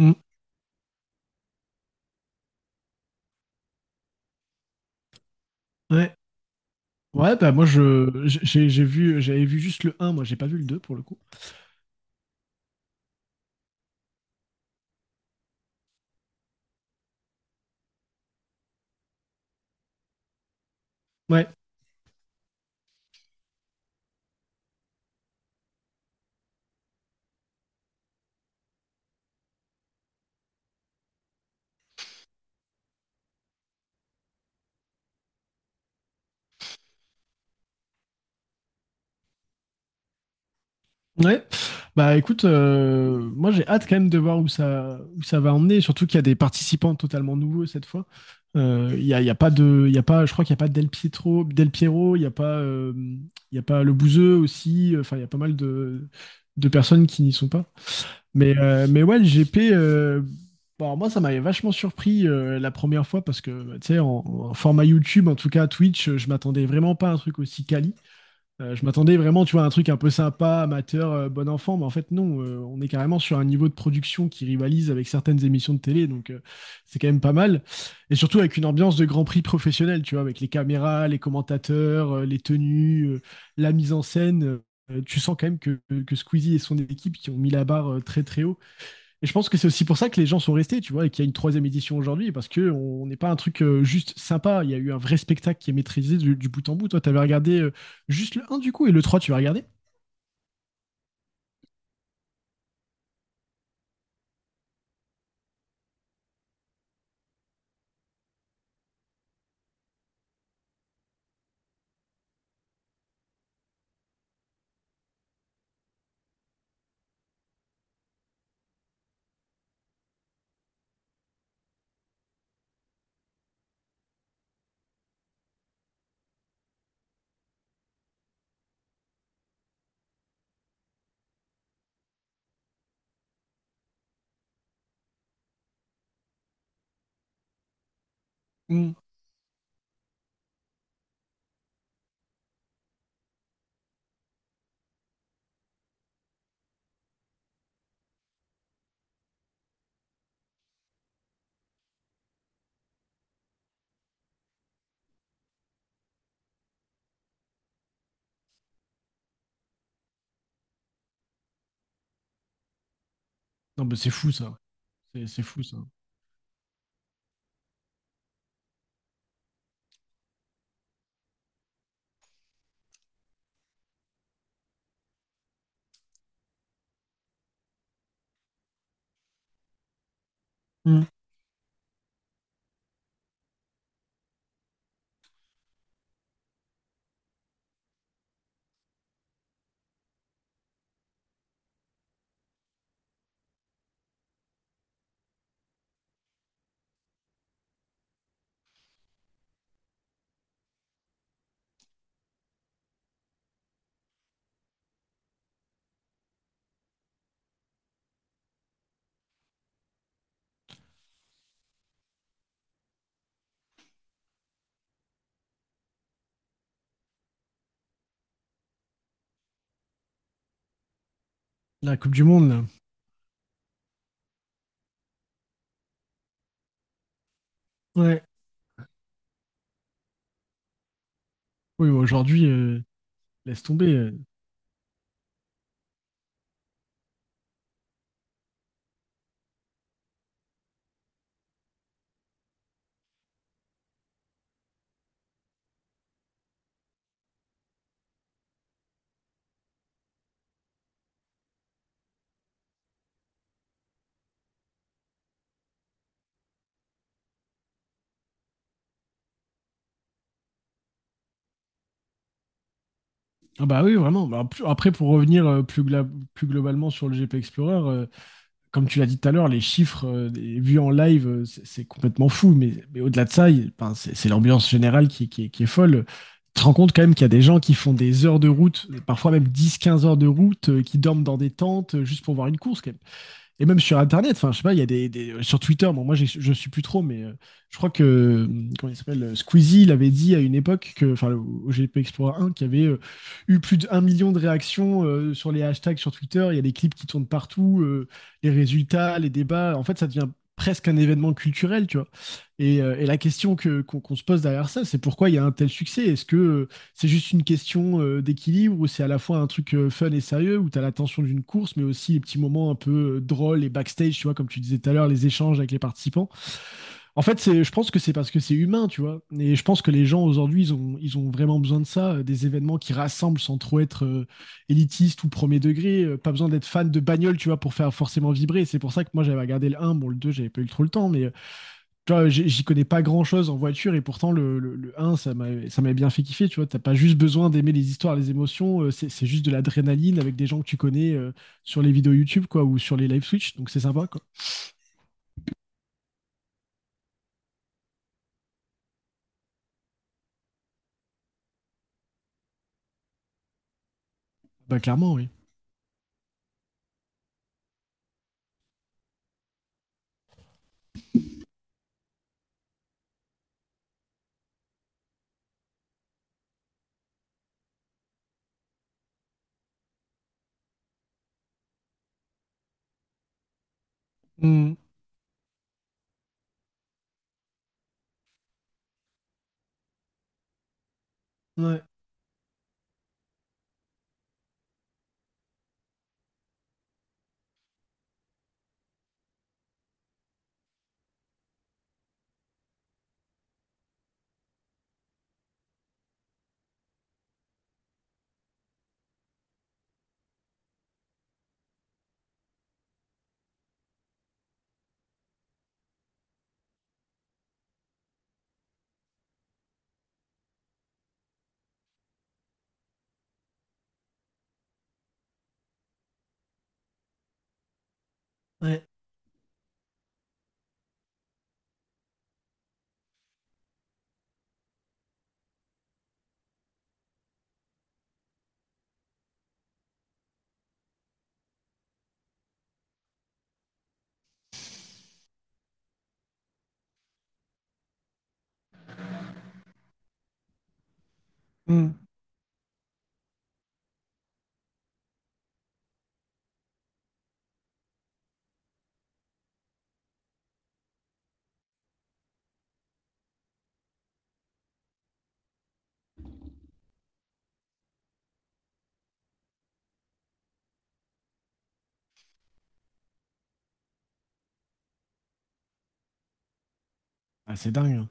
Mm. Ouais. Ouais, bah moi je j'ai vu j'avais vu juste le un, moi j'ai pas vu le 2 pour le coup. Ouais. Ouais. Bah écoute, moi j'ai hâte quand même de voir où ça va emmener, surtout qu'il y a des participants totalement nouveaux cette fois. Il y a pas de il y a pas je crois qu'il y a pas Del Pietro, Del Piero, il y a pas il y a pas le Bouzeux aussi, enfin il y a pas mal de personnes qui n'y sont pas. Mais ouais, le GP, bon, alors moi, ça m'avait vachement surpris la première fois parce que, tu sais, en format YouTube, en tout cas Twitch, je m'attendais vraiment pas à un truc aussi quali. Je m'attendais vraiment, tu vois, à un truc un peu sympa, amateur, bon enfant, mais en fait, non, on est carrément sur un niveau de production qui rivalise avec certaines émissions de télé, donc c'est quand même pas mal. Et surtout avec une ambiance de Grand Prix professionnel, tu vois, avec les caméras, les commentateurs, les tenues, la mise en scène. Tu sens quand même que Squeezie et son équipe qui ont mis la barre très très haut. Et je pense que c'est aussi pour ça que les gens sont restés, tu vois, et qu'il y a une troisième édition aujourd'hui, parce que on n'est pas un truc juste sympa. Il y a eu un vrai spectacle qui est maîtrisé du bout en bout. Toi, tu avais regardé juste le un du coup, et le trois, tu vas regarder? Mm. Non, mais c'est fou ça. C'est fou ça. Mm. La Coupe du Monde, là. Ouais. Oui, aujourd'hui, laisse tomber. Ah bah oui, vraiment. Bah, Après, pour revenir plus globalement sur le GP Explorer, comme tu l'as dit tout à l'heure, les chiffres vus en live, c'est complètement fou. Mais au-delà de ça, enfin, c'est l'ambiance générale qui, qui est folle. Tu te rends compte quand même qu'il y a des gens qui font des heures de route, parfois même dix, quinze heures de route, qui dorment dans des tentes juste pour voir une course. Quand même. Et même sur Internet, enfin, je sais pas, il y a sur Twitter, bon, moi, je suis plus trop, mais je crois que, comment il s'appelle, Squeezie, il avait dit à une époque que, enfin, au G P Explorer un, qu'il y avait eu plus d'un million de réactions sur les hashtags sur Twitter. Il y a des clips qui tournent partout, les résultats, les débats. En fait, ça devient presque un événement culturel, tu vois. Et la question que, qu'on se pose derrière ça, c'est pourquoi il y a un tel succès? Est-ce que, c'est juste une question d'équilibre où c'est à la fois un truc fun et sérieux, où tu as la tension d'une course, mais aussi les petits moments un peu drôles et backstage, tu vois, comme tu disais tout à l'heure, les échanges avec les participants. En fait, c'est, je pense que c'est parce que c'est humain, tu vois. Et je pense que les gens aujourd'hui, ils ont vraiment besoin de ça, des événements qui rassemblent sans trop être élitiste ou premier degré. Pas besoin d'être fan de bagnole, tu vois, pour faire forcément vibrer. C'est pour ça que moi, j'avais regardé le un, bon, le 2 j'avais pas eu trop le temps, mais tu vois, j'y connais pas grand-chose en voiture et pourtant le 1, ça m'a bien fait kiffer, tu vois. T'as pas juste besoin d'aimer les histoires, les émotions, c'est juste de l'adrénaline avec des gens que tu connais sur les vidéos YouTube, quoi, ou sur les live Switch, donc c'est sympa, quoi. Bah clairement, oui. Mm. Ouais, ouais. Mm. Ah, c'est dingue. Hein.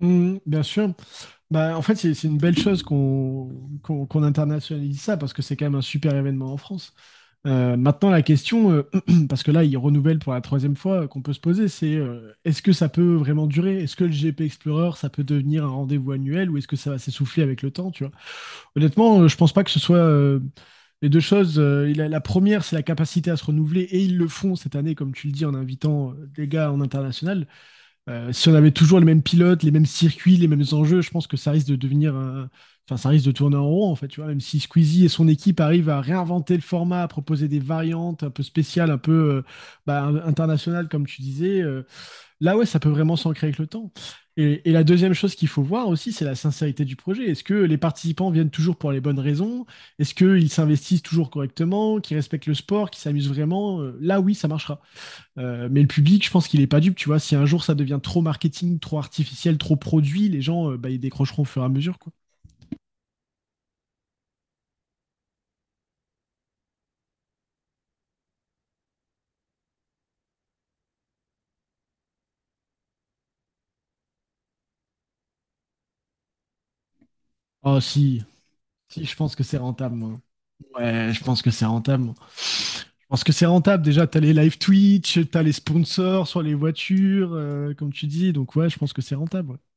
Mhm, bien sûr. Bah, en fait, c'est une belle chose qu'on qu'on internationalise ça parce que c'est quand même un super événement en France. Maintenant, la question, parce que là, il renouvelle pour la troisième fois qu'on peut se poser, c'est est-ce que ça peut vraiment durer? Est-ce que le GP Explorer, ça peut devenir un rendez-vous annuel ou est-ce que ça va s'essouffler avec le temps, tu vois? Honnêtement, je pense pas que ce soit les deux choses. La première, c'est la capacité à se renouveler et ils le font cette année, comme tu le dis, en invitant des gars en international. Si on avait toujours les mêmes pilotes, les mêmes circuits, les mêmes enjeux, je pense que ça risque de devenir un- Enfin, ça risque de tourner en rond, en fait, tu vois, même si Squeezie et son équipe arrivent à réinventer le format, à proposer des variantes un peu spéciales, un peu bah, internationales, comme tu disais, là, ouais, ça peut vraiment s'ancrer avec le temps. Et la deuxième chose qu'il faut voir aussi, c'est la sincérité du projet. Est-ce que les participants viennent toujours pour les bonnes raisons? Est-ce qu'ils s'investissent toujours correctement, qu'ils respectent le sport, qu'ils s'amusent vraiment? Là, oui, ça marchera. Mais le public, je pense qu'il est pas dupe, tu vois. Si un jour ça devient trop marketing, trop artificiel, trop produit, les gens, bah, ils décrocheront au fur et à mesure, quoi. Oh, si, si, je pense que c'est rentable, moi. Ouais, je pense que c'est rentable. Moi. Je pense que c'est rentable. Déjà, t'as les live Twitch, t'as les sponsors sur les voitures, comme tu dis. Donc, ouais, je pense que c'est rentable. Ouais.